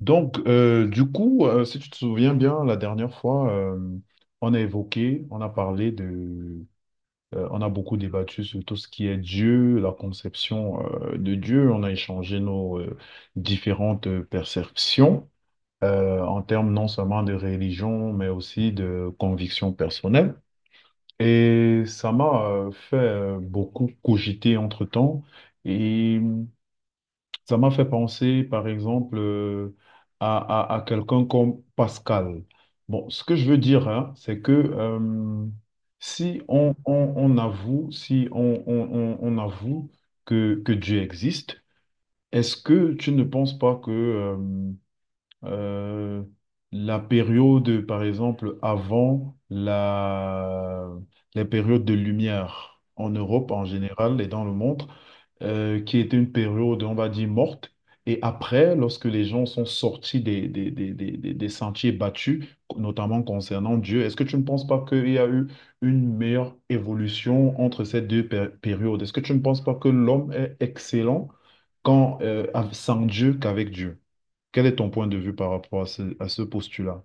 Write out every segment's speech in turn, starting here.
Donc, si tu te souviens bien, la dernière fois, on a évoqué, on a parlé de, on a beaucoup débattu sur tout ce qui est Dieu, la conception, de Dieu. On a échangé nos, différentes perceptions, en termes non seulement de religion, mais aussi de conviction personnelle. Et ça m'a, fait, beaucoup cogiter entre-temps. Et ça m'a fait penser, par exemple, à quelqu'un comme Pascal. Bon, ce que je veux dire, hein, c'est que si on avoue, si on avoue que Dieu existe, est-ce que tu ne penses pas que euh, la période, par exemple, avant la, les périodes de lumière en Europe en général et dans le monde, qui était une période, on va dire, morte. Et après, lorsque les gens sont sortis des sentiers battus, notamment concernant Dieu, est-ce que tu ne penses pas qu'il y a eu une meilleure évolution entre ces deux périodes? Est-ce que tu ne penses pas que l'homme est excellent quand, sans Dieu qu'avec Dieu? Quel est ton point de vue par rapport à ce postulat?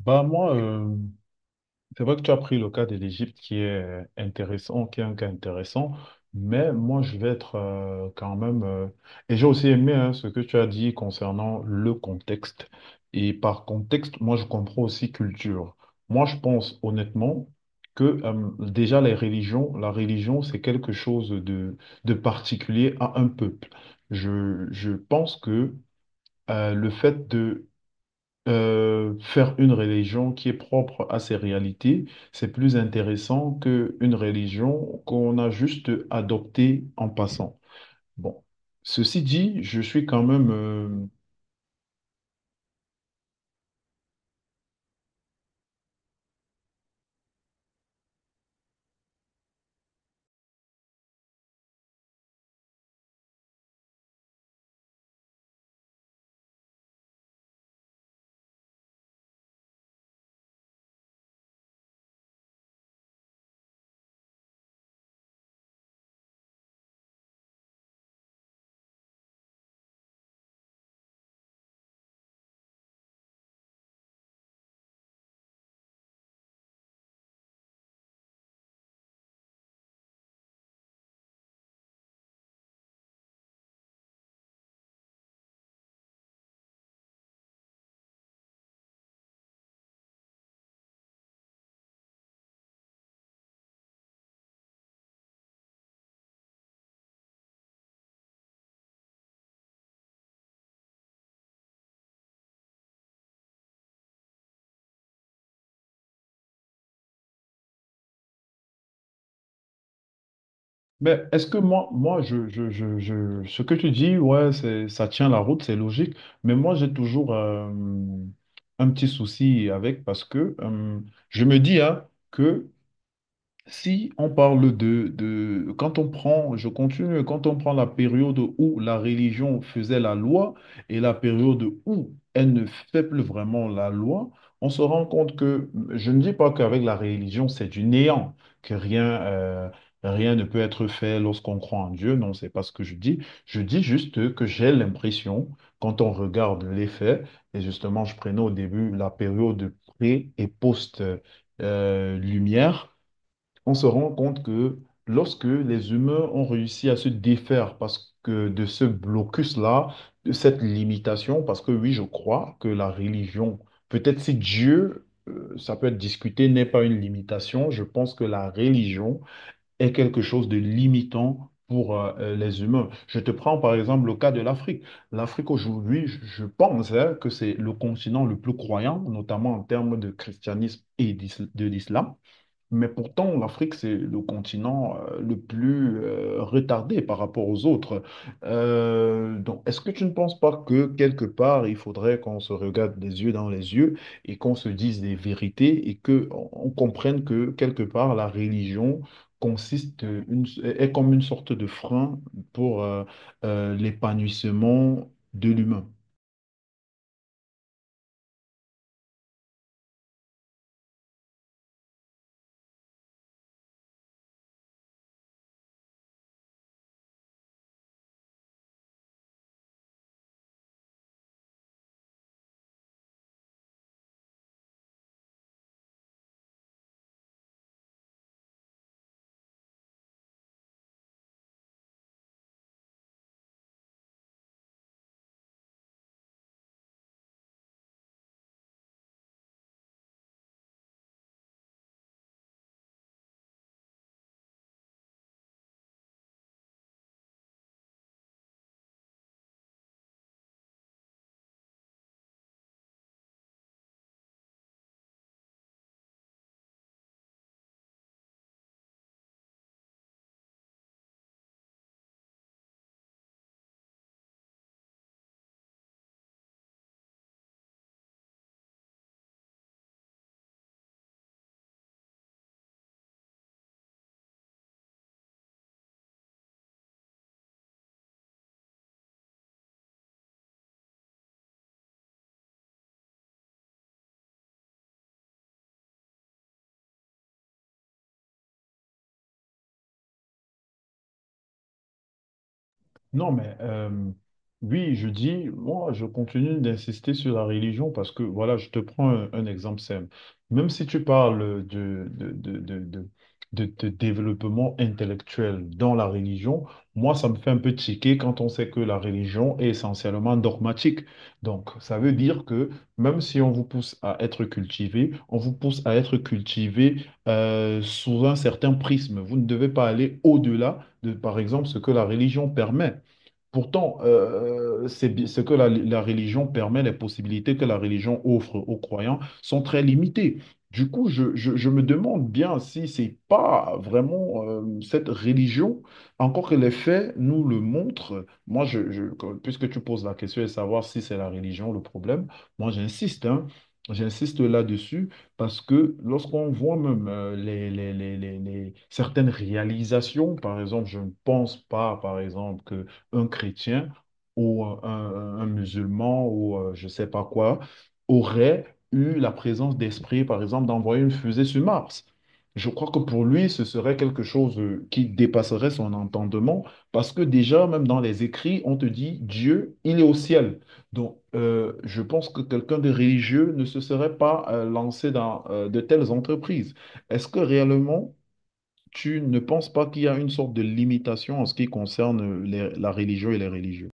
Bah moi, c'est vrai que tu as pris le cas de l'Égypte qui est intéressant, qui est un cas intéressant, mais moi je vais être euh, quand même... et j'ai aussi aimé hein, ce que tu as dit concernant le contexte. Et par contexte, moi je comprends aussi culture. Moi je pense honnêtement que déjà les religions, la religion c'est quelque chose de particulier à un peuple. Je pense que le fait de faire une religion qui est propre à ses réalités, c'est plus intéressant qu'une religion qu'on a juste adoptée en passant. Bon, ceci dit, je suis quand même... mais est-ce que moi, ce que tu dis, ouais, c'est, ça tient la route, c'est logique, mais moi, j'ai toujours un petit souci avec parce que je me dis hein, que... Si on parle quand on prend, je continue, quand on prend la période où la religion faisait la loi et la période où elle ne fait plus vraiment la loi, on se rend compte que, je ne dis pas qu'avec la religion c'est du néant, que rien, rien ne peut être fait lorsqu'on croit en Dieu, non, c'est pas ce que je dis. Je dis juste que j'ai l'impression, quand on regarde les faits, et justement je prenais au début la période pré et post, lumière, on se rend compte que lorsque les humains ont réussi à se défaire parce que de ce blocus-là, de cette limitation, parce que oui, je crois que la religion, peut-être si Dieu, ça peut être discuté, n'est pas une limitation, je pense que la religion est quelque chose de limitant, pour les humains. Je te prends par exemple le cas de l'Afrique. L'Afrique aujourd'hui, je pense hein, que c'est le continent le plus croyant, notamment en termes de christianisme de l'islam. Mais pourtant, l'Afrique, c'est le continent le plus retardé par rapport aux autres. Donc, est-ce que tu ne penses pas que quelque part, il faudrait qu'on se regarde les yeux dans les yeux et qu'on se dise des vérités et que on comprenne que quelque part, la religion est comme une sorte de frein pour l'épanouissement de l'humain? Non, mais oui, je dis, moi, je continue d'insister sur la religion parce que, voilà, je te prends un exemple simple. Même si tu parles de développement intellectuel dans la religion, moi, ça me fait un peu tiquer quand on sait que la religion est essentiellement dogmatique. Donc, ça veut dire que même si on vous pousse à être cultivé, on vous pousse à être cultivé sous un certain prisme. Vous ne devez pas aller au-delà de, par exemple, ce que la religion permet. Pourtant, c'est ce que la religion permet, les possibilités que la religion offre aux croyants sont très limitées. Du coup, je me demande bien si c'est pas vraiment cette religion, encore que les faits nous le montrent. Moi, puisque tu poses la question de savoir si c'est la religion le problème, moi j'insiste, hein. J'insiste là-dessus parce que lorsqu'on voit même certaines réalisations, par exemple, je ne pense pas, par exemple, que un chrétien ou un musulman ou je ne sais pas quoi aurait eu la présence d'esprit, par exemple, d'envoyer une fusée sur Mars. Je crois que pour lui, ce serait quelque chose qui dépasserait son entendement parce que déjà, même dans les écrits, on te dit Dieu, il est au ciel. Donc, je pense que quelqu'un de religieux ne se serait pas lancé dans de telles entreprises. Est-ce que réellement tu ne penses pas qu'il y a une sorte de limitation en ce qui concerne la religion et les religieux?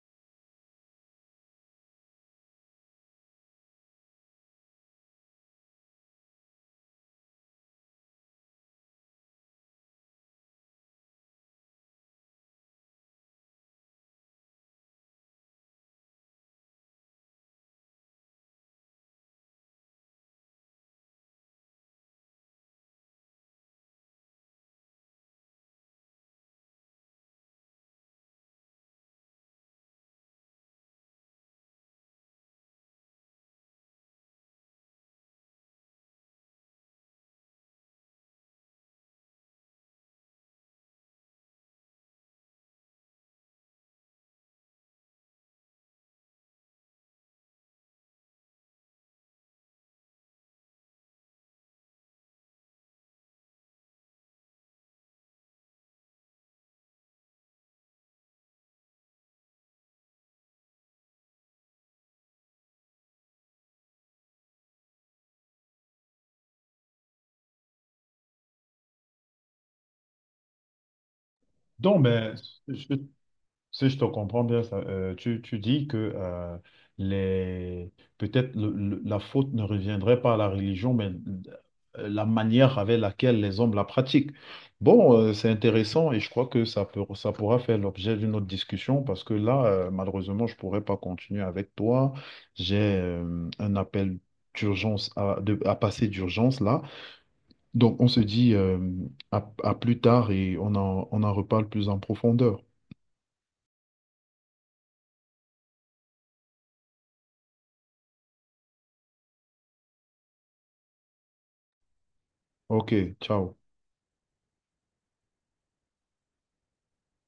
Donc, ben, je- si je te comprends bien, ça, tu, tu dis que les, peut-être la faute ne reviendrait pas à la religion, mais la manière avec laquelle les hommes la pratiquent. Bon, c'est intéressant et je crois que ça peut, ça pourra faire l'objet d'une autre discussion parce que là, malheureusement, je ne pourrais pas continuer avec toi. J'ai un appel d'urgence à passer d'urgence là. Donc, on se dit à plus tard et on en reparle plus en profondeur. Ok, ciao.